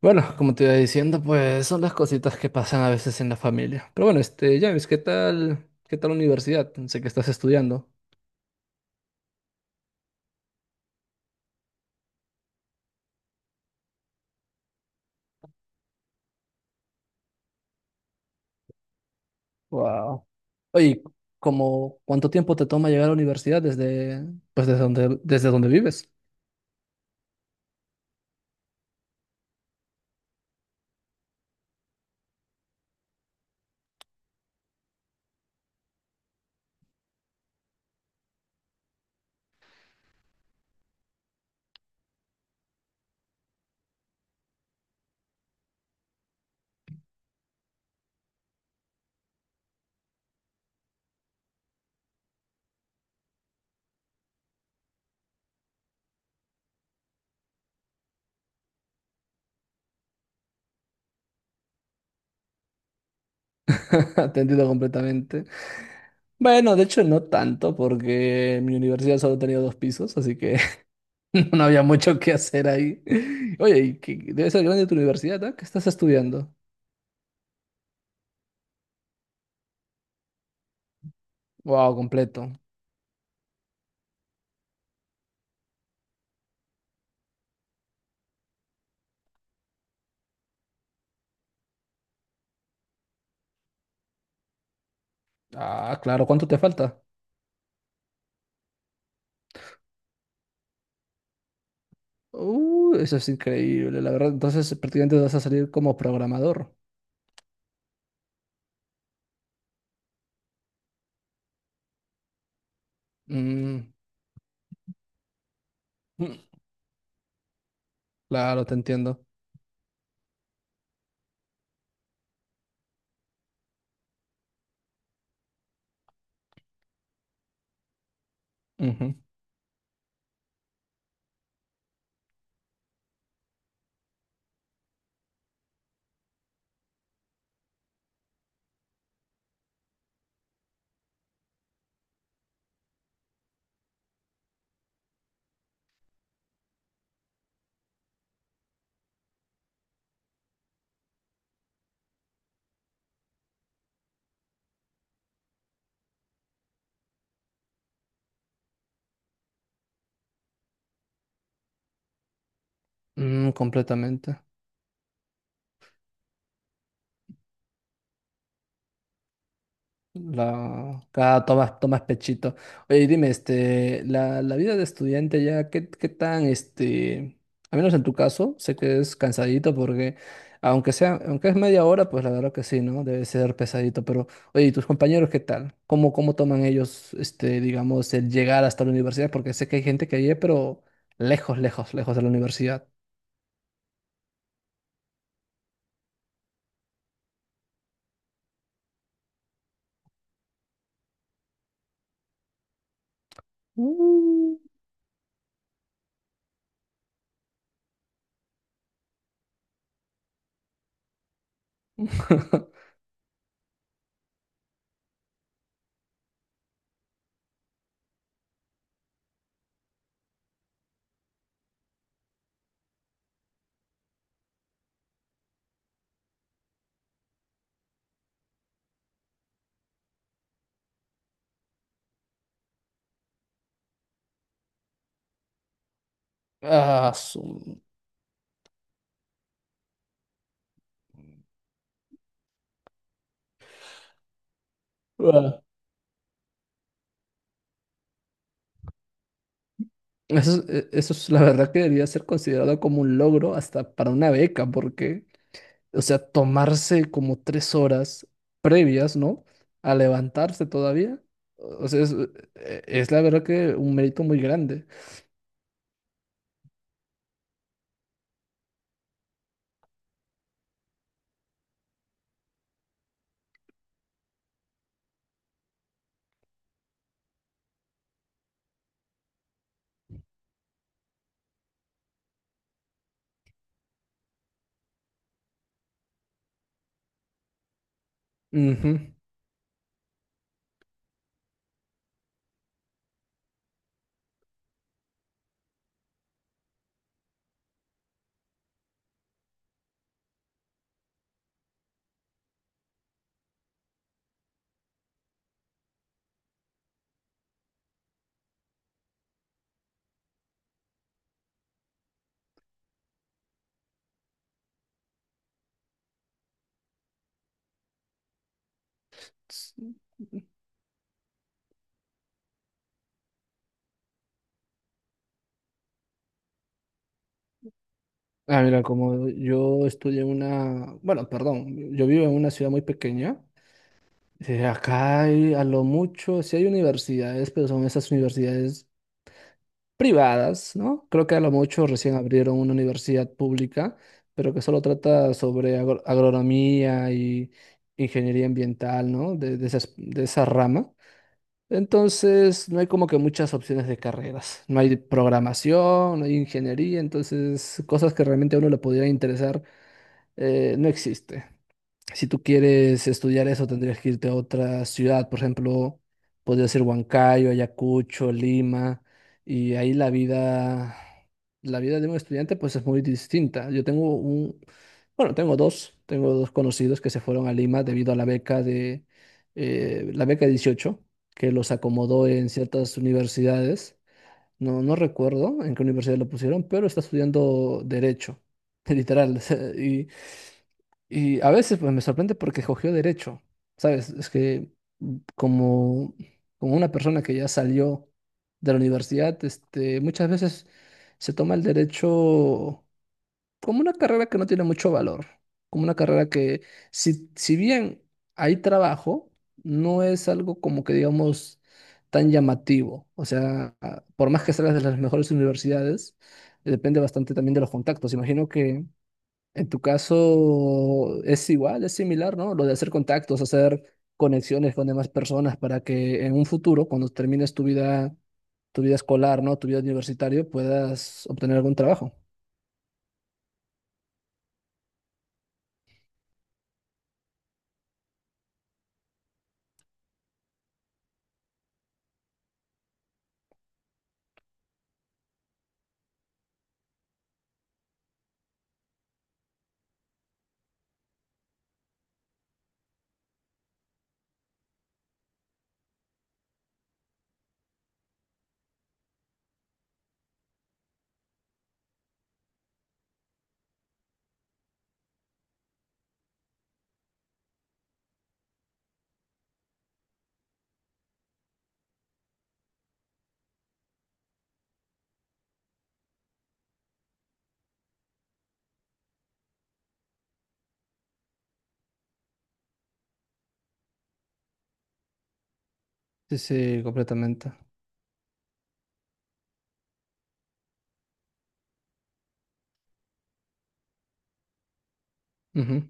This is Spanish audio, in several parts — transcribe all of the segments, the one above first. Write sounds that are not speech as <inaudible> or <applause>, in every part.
Bueno, como te iba diciendo, pues son las cositas que pasan a veces en la familia. Pero bueno, James, ¿qué tal? ¿Qué tal la universidad? Sé que estás estudiando. Wow. Oye, ¿cuánto tiempo te toma llegar a la universidad pues desde donde vives? <laughs> Atendido completamente. Bueno, de hecho no tanto, porque mi universidad solo tenía dos pisos, así que <laughs> no había mucho que hacer ahí. Oye, debe ser grande tu universidad, ¿ah? ¿Qué estás estudiando? Wow, completo. Ah, claro, ¿cuánto te falta? Eso es increíble, la verdad. Entonces, prácticamente vas a salir como programador. Mm, mm, claro, te entiendo. Ujú. Mm, completamente. Tomas, tomas pechito. Oye, y dime, la vida de estudiante ya, ¿qué tan, al menos en tu caso? Sé que es cansadito porque, aunque sea, aunque es media hora, pues la verdad que sí, ¿no? Debe ser pesadito, pero oye, ¿y tus compañeros qué tal? ¿Cómo toman ellos, este, digamos, el llegar hasta la universidad? Porque sé que hay gente que vive, pero lejos de la universidad. Mm. <laughs> Ah, su... ah. Eso es la verdad que debería ser considerado como un logro hasta para una beca, porque o sea, tomarse como tres horas previas, ¿no? A levantarse todavía. O sea, es la verdad que un mérito muy grande. Ujú. S- Ah, mira, como yo estudié en una, bueno, perdón, yo vivo en una ciudad muy pequeña. Eh, acá hay a lo mucho, sí hay universidades, pero son esas universidades privadas, ¿no? Creo que a lo mucho recién abrieron una universidad pública, pero que solo trata sobre agronomía y ingeniería ambiental, ¿no? De de esa rama. Entonces, no hay como que muchas opciones de carreras. No hay programación, no hay ingeniería, entonces cosas que realmente a uno le pudiera interesar, no existe. Si tú quieres estudiar eso, tendrías que irte a otra ciudad, por ejemplo, podría ser Huancayo, Ayacucho, Lima, y ahí la vida de un estudiante pues es muy distinta. Yo tengo un, bueno, tengo dos, Tengo dos conocidos que se fueron a Lima debido a la beca 18, que los acomodó en ciertas universidades. No, no recuerdo en qué universidad lo pusieron, pero está estudiando derecho, <laughs> literal. Y a veces pues, me sorprende porque cogió derecho, ¿sabes? Es que mm, como, como una persona que ya salió de la universidad, este, muchas veces se toma el derecho como una carrera que no tiene mucho valor, como una carrera que, si, si bien hay trabajo, no es algo como que digamos tan llamativo. O sea, por más que salgas de las mejores universidades, depende bastante también de los contactos. Imagino que en tu caso es igual, es similar, ¿no? Lo de hacer contactos, hacer conexiones con demás personas para que en un futuro, cuando termines tu vida escolar, ¿no? Tu vida universitaria, puedas obtener algún trabajo. Sí, sí, completamente. Ujú.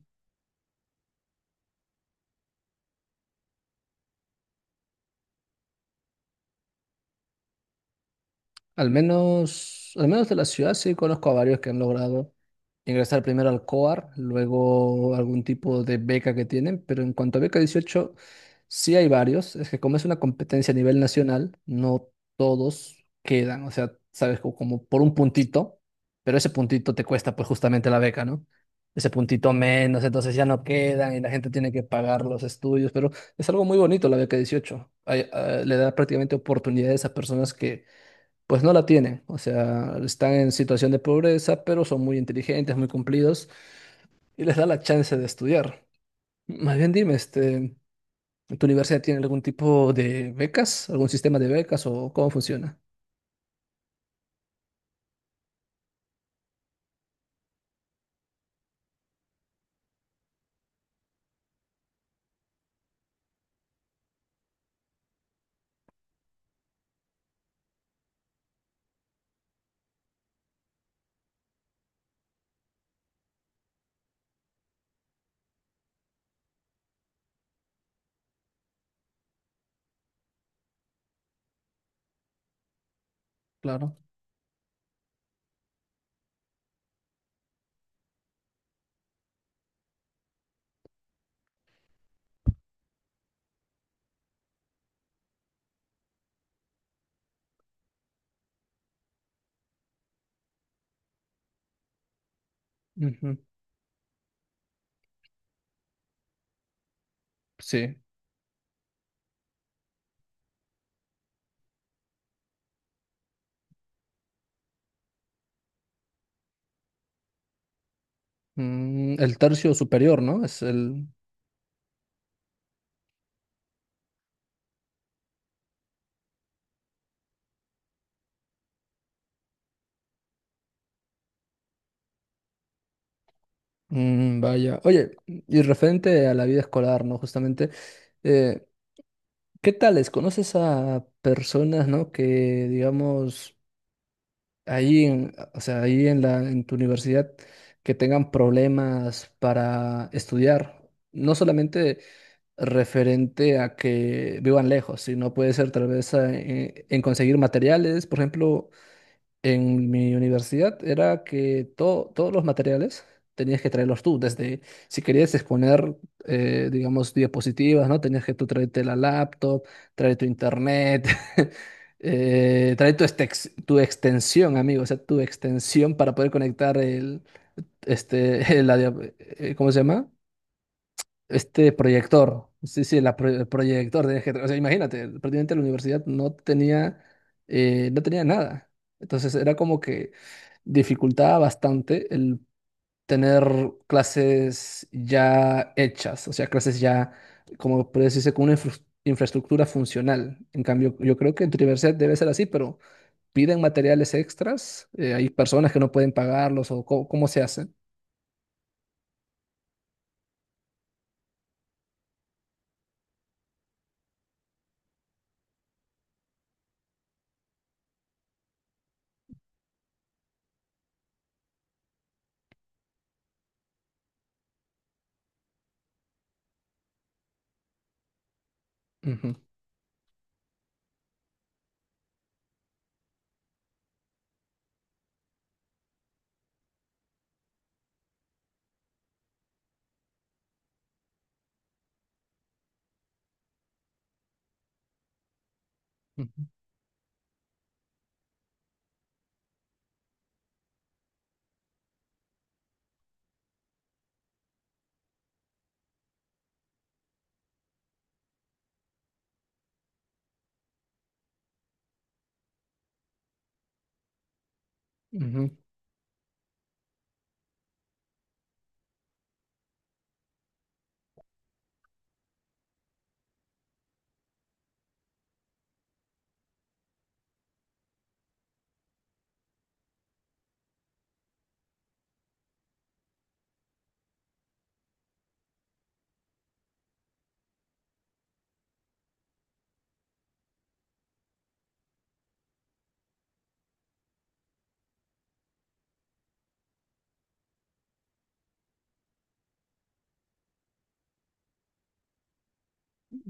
Al menos de la ciudad sí conozco a varios que han logrado ingresar primero al COAR, luego algún tipo de beca que tienen, pero en cuanto a beca 18 sí hay varios. Es que como es una competencia a nivel nacional, no todos quedan, o sea, sabes, por un puntito, pero ese puntito te cuesta pues justamente la beca, ¿no? Ese puntito menos, entonces ya no quedan y la gente tiene que pagar los estudios, pero es algo muy bonito la beca 18. Le da prácticamente oportunidades a personas que pues no la tienen. O sea, están en situación de pobreza, pero son muy inteligentes, muy cumplidos, y les da la chance de estudiar. Más bien dime, este, ¿tu universidad tiene algún tipo de becas, algún sistema de becas, o cómo funciona? Claro. Ujú, sí. Mm, el tercio superior, ¿no? Es el... Mm, vaya. Oye, y referente a la vida escolar, ¿no? Justamente, eh, ¿qué tales? ¿Conoces a personas, ¿no? Que, digamos... ahí en, o sea, ahí en en tu universidad que tengan problemas para estudiar. No solamente referente a que vivan lejos, sino puede ser tal vez en conseguir materiales. Por ejemplo, en mi universidad era que todos los materiales tenías que traerlos tú, desde si querías exponer, digamos, diapositivas, ¿no? Tenías que tú traerte la laptop, traer tu internet, <laughs> traer tu, tu extensión, amigo, o sea, tu extensión para poder conectar el, este, <laughs> ¿cómo se llama? Este proyector. Sí, sí, el proyector. Tenías que o sea, imagínate, prácticamente la universidad no tenía, no tenía nada. Entonces era como que dificultaba bastante el tener clases ya hechas, o sea, clases ya, como puede decirse, con una infraestructura funcional. En cambio, yo creo que en tu universidad debe ser así, pero piden materiales extras, hay personas que no pueden pagarlos o cómo se hace. Ujú, ujú, ujú,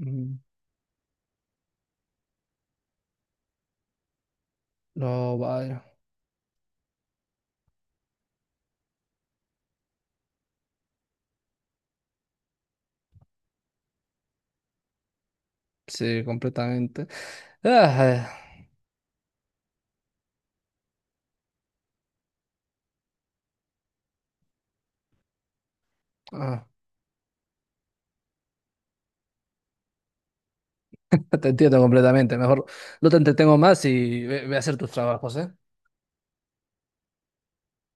ujú. No, vaya. Sí, completamente. Ah, ah, ah, te entiendo completamente. Mejor no te entretengo más y ve a hacer tus trabajos, ¿eh?